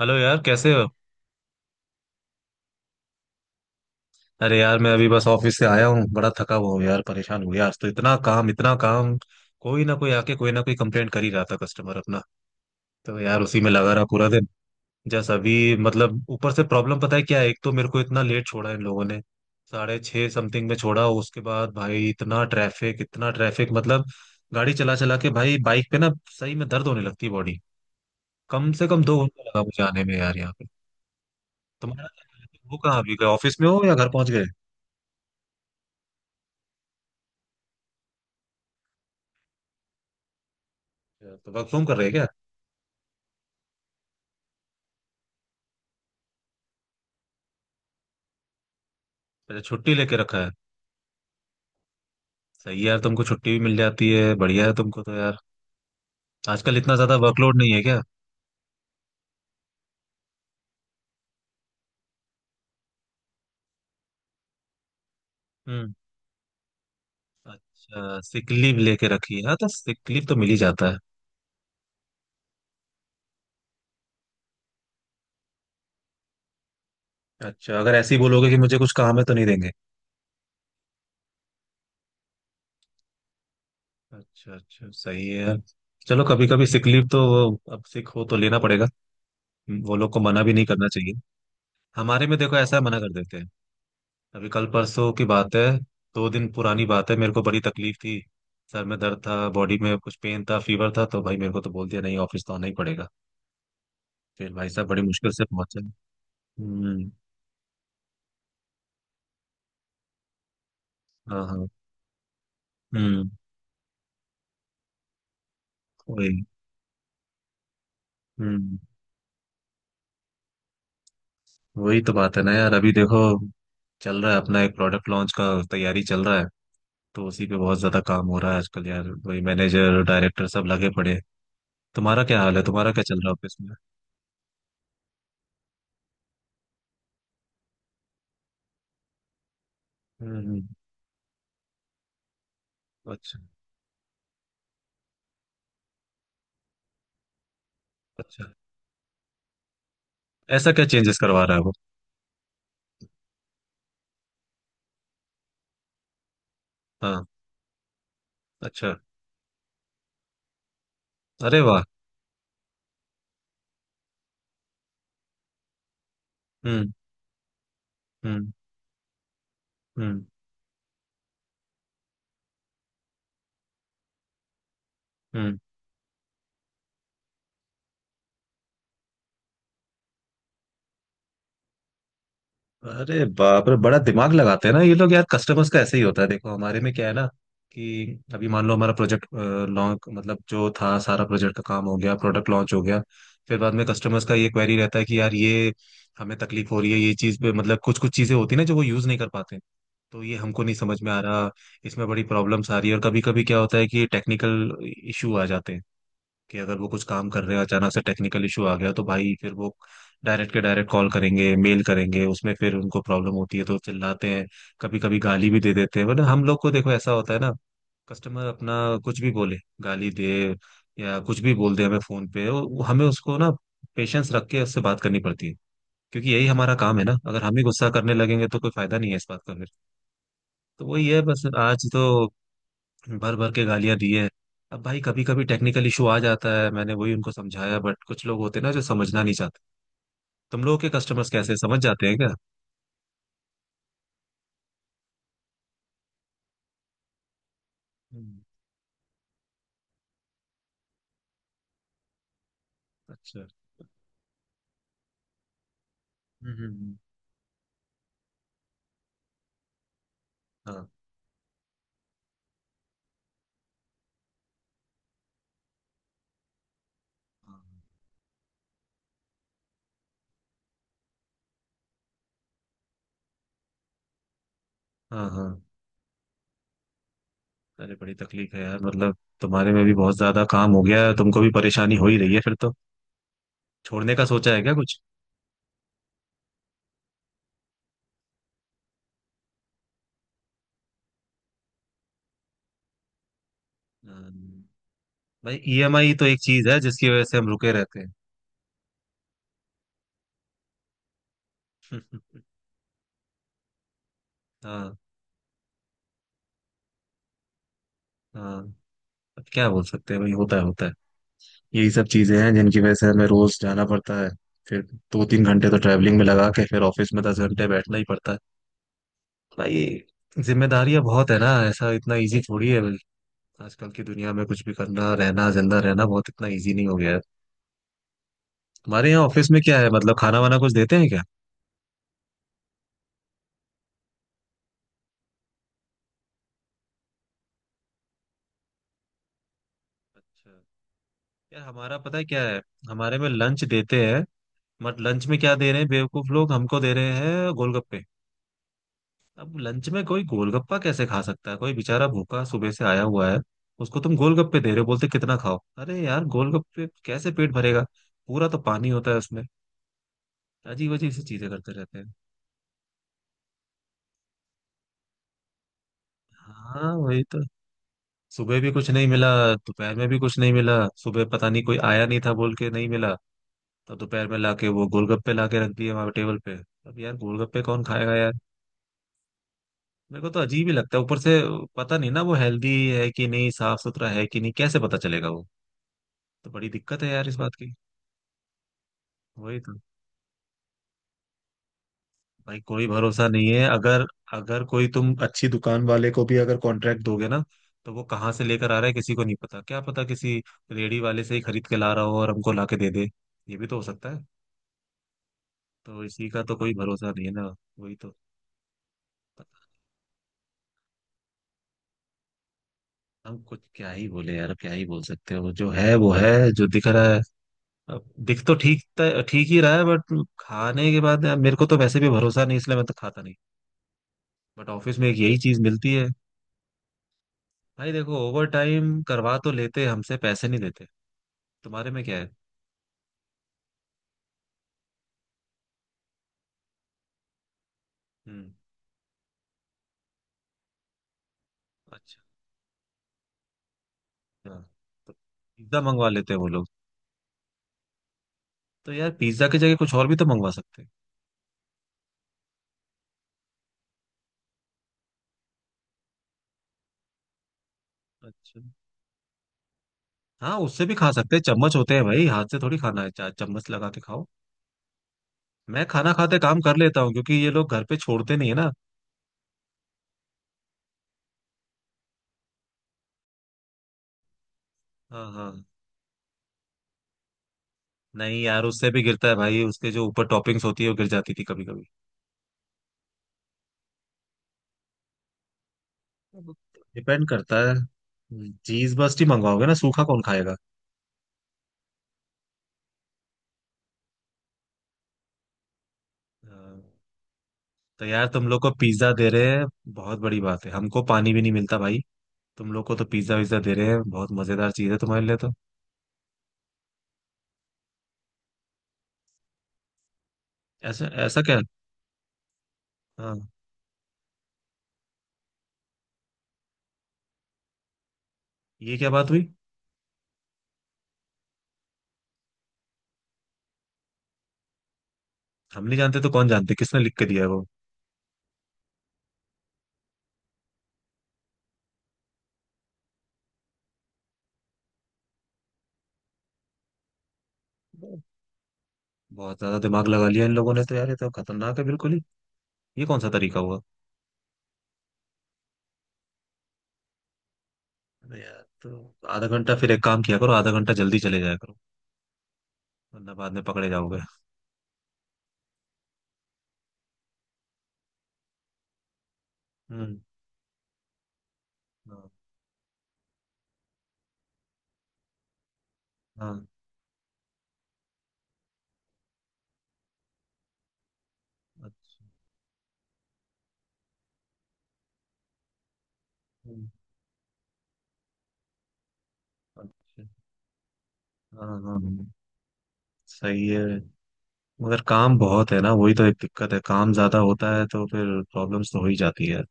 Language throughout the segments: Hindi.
हेलो यार, कैसे हो? अरे यार, मैं अभी बस ऑफिस से आया हूँ, बड़ा थका हुआ हूँ यार। परेशान हो गया आज तो, इतना काम इतना काम। कोई ना कोई आके कोई ना कोई कंप्लेंट कर ही रहा था, कस्टमर अपना। तो यार उसी में लगा रहा पूरा दिन। जस्ट अभी, मतलब ऊपर से प्रॉब्लम पता है क्या है, एक तो मेरे को इतना लेट छोड़ा इन लोगों ने। 6:30 समथिंग में छोड़ा, उसके बाद भाई इतना ट्रैफिक इतना ट्रैफिक, मतलब गाड़ी चला चला के भाई, बाइक पे ना, सही में दर्द होने लगती है बॉडी। कम से कम 2 घंटा लगा मुझे आने में यार, यहाँ पे। तुम्हारा वो कहाँ? अभी गए ऑफिस में हो या घर पहुंच गए? अच्छा, तो वर्क फ्रॉम कर रहे हैं क्या? अच्छा, छुट्टी लेके रखा है। सही है यार, तुमको छुट्टी भी मिल जाती है, बढ़िया है तुमको तो यार। आजकल इतना ज्यादा वर्कलोड नहीं है क्या? हम्म। अच्छा, सिक लीव लेके रखी है। हाँ, तो सिक लीव तो मिल ही जाता है। अच्छा, अगर ऐसे ही बोलोगे कि मुझे कुछ काम है तो नहीं देंगे। अच्छा अच्छा, सही है यार। चलो, कभी कभी सिक लीव तो, वो अब सिक हो तो लेना पड़ेगा। वो लोग को मना भी नहीं करना चाहिए। हमारे में देखो ऐसा मना कर देते हैं। अभी कल परसों की बात है, 2 दिन पुरानी बात है, मेरे को बड़ी तकलीफ थी। सर में दर्द था, बॉडी में कुछ पेन था, फीवर था, तो भाई मेरे को तो बोल दिया नहीं, ऑफिस तो आना ही पड़ेगा। फिर भाई साहब बड़ी मुश्किल से पहुंचे। हम्म। हाँ हाँ। हम्म। वही। हम्म, वही तो बात है ना यार। अभी देखो, चल रहा है अपना एक प्रोडक्ट लॉन्च का तैयारी चल रहा है, तो उसी पे बहुत ज्यादा काम हो रहा है आजकल यार। वही मैनेजर डायरेक्टर सब लगे पड़े हैं। तुम्हारा क्या हाल है? तुम्हारा क्या चल रहा है ऑफिस में? हम्म। हम्म। अच्छा। अच्छा, ऐसा क्या चेंजेस करवा रहा है वो? हाँ। अच्छा। अरे वाह। हम्म। हम्म। हम्म। हम्म। अरे बाप रे, बड़ा दिमाग लगाते हैं ना ये लोग यार। कस्टमर्स का ऐसे ही होता है, देखो हमारे में क्या है ना कि अभी मान लो हमारा प्रोजेक्ट लॉन्च, मतलब जो था सारा प्रोजेक्ट का काम हो गया, प्रोडक्ट लॉन्च हो गया, फिर बाद में कस्टमर्स का ये क्वेरी रहता है कि यार ये हमें तकलीफ हो रही है ये चीज पे, मतलब कुछ कुछ चीजें होती है ना जो वो यूज नहीं कर पाते, तो ये हमको नहीं समझ में आ रहा, इसमें बड़ी प्रॉब्लम्स आ रही है। और कभी कभी क्या होता है कि टेक्निकल इशू आ जाते हैं, कि अगर वो कुछ काम कर रहे हैं अचानक से टेक्निकल इशू आ गया तो भाई फिर वो डायरेक्ट के डायरेक्ट कॉल करेंगे, मेल करेंगे, उसमें फिर उनको प्रॉब्लम होती है तो चिल्लाते हैं, कभी कभी गाली भी दे देते हैं। वरना हम लोग को देखो ऐसा होता है ना, कस्टमर अपना कुछ भी बोले, गाली दे या कुछ भी बोल दे हमें फोन पे, हमें उसको ना पेशेंस रख के उससे बात करनी पड़ती है, क्योंकि यही हमारा काम है ना। अगर हम ही गुस्सा करने लगेंगे तो कोई फायदा नहीं है इस बात का फिर। तो वही है बस, आज तो भर भर के गालियां दी है। अब भाई कभी कभी टेक्निकल इशू आ जाता है, मैंने वही उनको समझाया, बट कुछ लोग होते हैं ना जो समझना नहीं चाहते। तुम लोगों के कस्टमर्स कैसे समझ जाते हैं क्या? हम्म, अच्छा। हम्म। हम्म, हम्म, हाँ। हाँ हाँ। अरे बड़ी तकलीफ है यार, मतलब तुम्हारे में भी बहुत ज्यादा काम हो गया है, तुमको भी परेशानी हो ही रही है फिर तो। छोड़ने का सोचा है क्या कुछ? हम्म। भाई ईएमआई तो एक चीज है जिसकी वजह से हम रुके रहते हैं। हाँ। हाँ, अब क्या बोल सकते हैं भाई, होता है होता है। यही सब चीजें हैं जिनकी वजह से हमें रोज जाना पड़ता है। फिर 2-3 घंटे तो ट्रैवलिंग में लगा के फिर ऑफिस में 10 घंटे बैठना ही पड़ता है भाई। जिम्मेदारियां बहुत है ना, ऐसा इतना इजी थोड़ी है। आजकल की दुनिया में कुछ भी करना, रहना, जिंदा रहना बहुत, इतना इजी नहीं हो गया है। हमारे यहाँ ऑफिस में क्या है, मतलब खाना वाना कुछ देते हैं क्या? अच्छा। यार हमारा पता है क्या है, हमारे में लंच देते हैं, बट लंच में क्या दे रहे हैं, बेवकूफ लोग हमको दे रहे हैं गोलगप्पे। अब लंच में कोई गोलगप्पा कैसे खा सकता है? कोई बेचारा भूखा सुबह से आया हुआ है, उसको तुम गोलगप्पे दे रहे हो, बोलते कितना खाओ। अरे यार, गोलगप्पे कैसे पेट भरेगा? पूरा तो पानी होता है उसमें। अजीब अजीब सी चीजें करते रहते हैं। हाँ वही तो। सुबह भी कुछ नहीं मिला, दोपहर में भी कुछ नहीं मिला। सुबह पता नहीं, कोई आया नहीं था बोल के, नहीं मिला। तब दोपहर में लाके वो गोलगप्पे लाके रख दिए वहां टेबल पे। अब यार गोलगप्पे कौन खाएगा यार? मेरे को तो अजीब ही लगता है, ऊपर से पता नहीं ना वो हेल्दी है कि नहीं, साफ सुथरा है कि नहीं, कैसे पता चलेगा वो। तो बड़ी दिक्कत है यार इस बात की। वही तो। भाई कोई भरोसा नहीं है। अगर, अगर कोई तुम अच्छी दुकान वाले को भी अगर कॉन्ट्रैक्ट दोगे ना, तो वो कहाँ से लेकर आ रहा है किसी को नहीं पता। क्या पता किसी रेडी वाले से ही खरीद के ला रहा हो और हमको ला के दे दे, ये भी तो हो सकता है। तो इसी का तो कोई भरोसा नहीं है ना। वही तो। हम कुछ क्या ही बोले यार, क्या ही बोल सकते हो, जो है वो है, जो दिख रहा है। अब दिख तो ठीक ठीक ही रहा है, बट खाने के बाद यार, मेरे को तो वैसे भी भरोसा नहीं, इसलिए मैं तो खाता नहीं। बट ऑफिस में एक यही चीज मिलती है। भाई देखो, ओवर टाइम करवा तो लेते हमसे, पैसे नहीं देते। तुम्हारे में क्या है? हम्म। अच्छा। हाँ, तो पिज्जा मंगवा लेते हैं वो लोग। तो यार पिज्जा की जगह कुछ और भी तो मंगवा सकते हैं। अच्छा। हाँ, उससे भी खा सकते हैं, चम्मच होते हैं भाई, हाथ से थोड़ी खाना है, चम्मच लगा के खाओ। मैं खाना खाते काम कर लेता हूँ क्योंकि ये लोग घर पे छोड़ते नहीं है ना। हाँ हाँ। नहीं यार, उससे भी गिरता है भाई। उसके जो ऊपर टॉपिंग्स होती है वो गिर जाती थी कभी कभी। डिपेंड करता है, चीज बस ही मंगवाओगे ना, सूखा कौन खाएगा। हाँ। तो यार तुम लोग को पिज्जा दे रहे हैं, बहुत बड़ी बात है। हमको पानी भी नहीं मिलता भाई। तुम लोग को तो पिज्जा विज्जा दे रहे हैं, बहुत मजेदार चीज है तुम्हारे लिए तो। ऐसा ऐसा क्या? हाँ। ये क्या बात हुई? हम नहीं जानते तो कौन जानते? किसने लिख के दिया है वो? बहुत ज्यादा दिमाग लगा लिया इन लोगों ने तो यार, ये तो खतरनाक है बिल्कुल ही। ये कौन सा तरीका हुआ? अरे यार तो आधा घंटा फिर एक काम किया करो, आधा घंटा जल्दी चले जाया करो, वरना बाद में पकड़े जाओगे। हम्म। हाँ हाँ। अच्छा। अच्छा, हाँ हाँ हाँ, सही है। मगर काम बहुत है ना, वही तो एक दिक्कत है। काम ज्यादा होता है तो फिर प्रॉब्लम्स तो हो ही जाती है।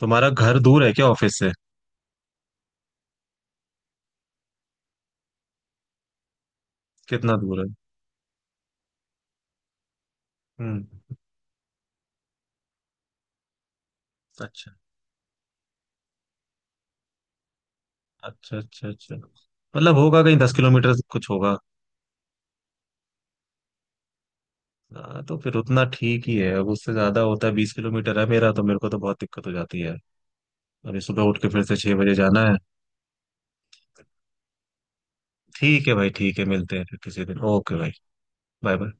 तुम्हारा घर दूर है क्या ऑफिस से? कितना दूर है? हम्म। अच्छा अच्छा अच्छा। अच्छा, मतलब होगा कहीं 10 किलोमीटर कुछ होगा। हाँ, तो फिर उतना ठीक ही है। अब उससे ज्यादा होता है, 20 किलोमीटर है मेरा तो, मेरे को तो बहुत दिक्कत हो जाती है। अभी सुबह उठ के फिर से 6 बजे जाना है। ठीक है भाई, ठीक है, मिलते हैं फिर किसी दिन, ओके भाई। Bye bye.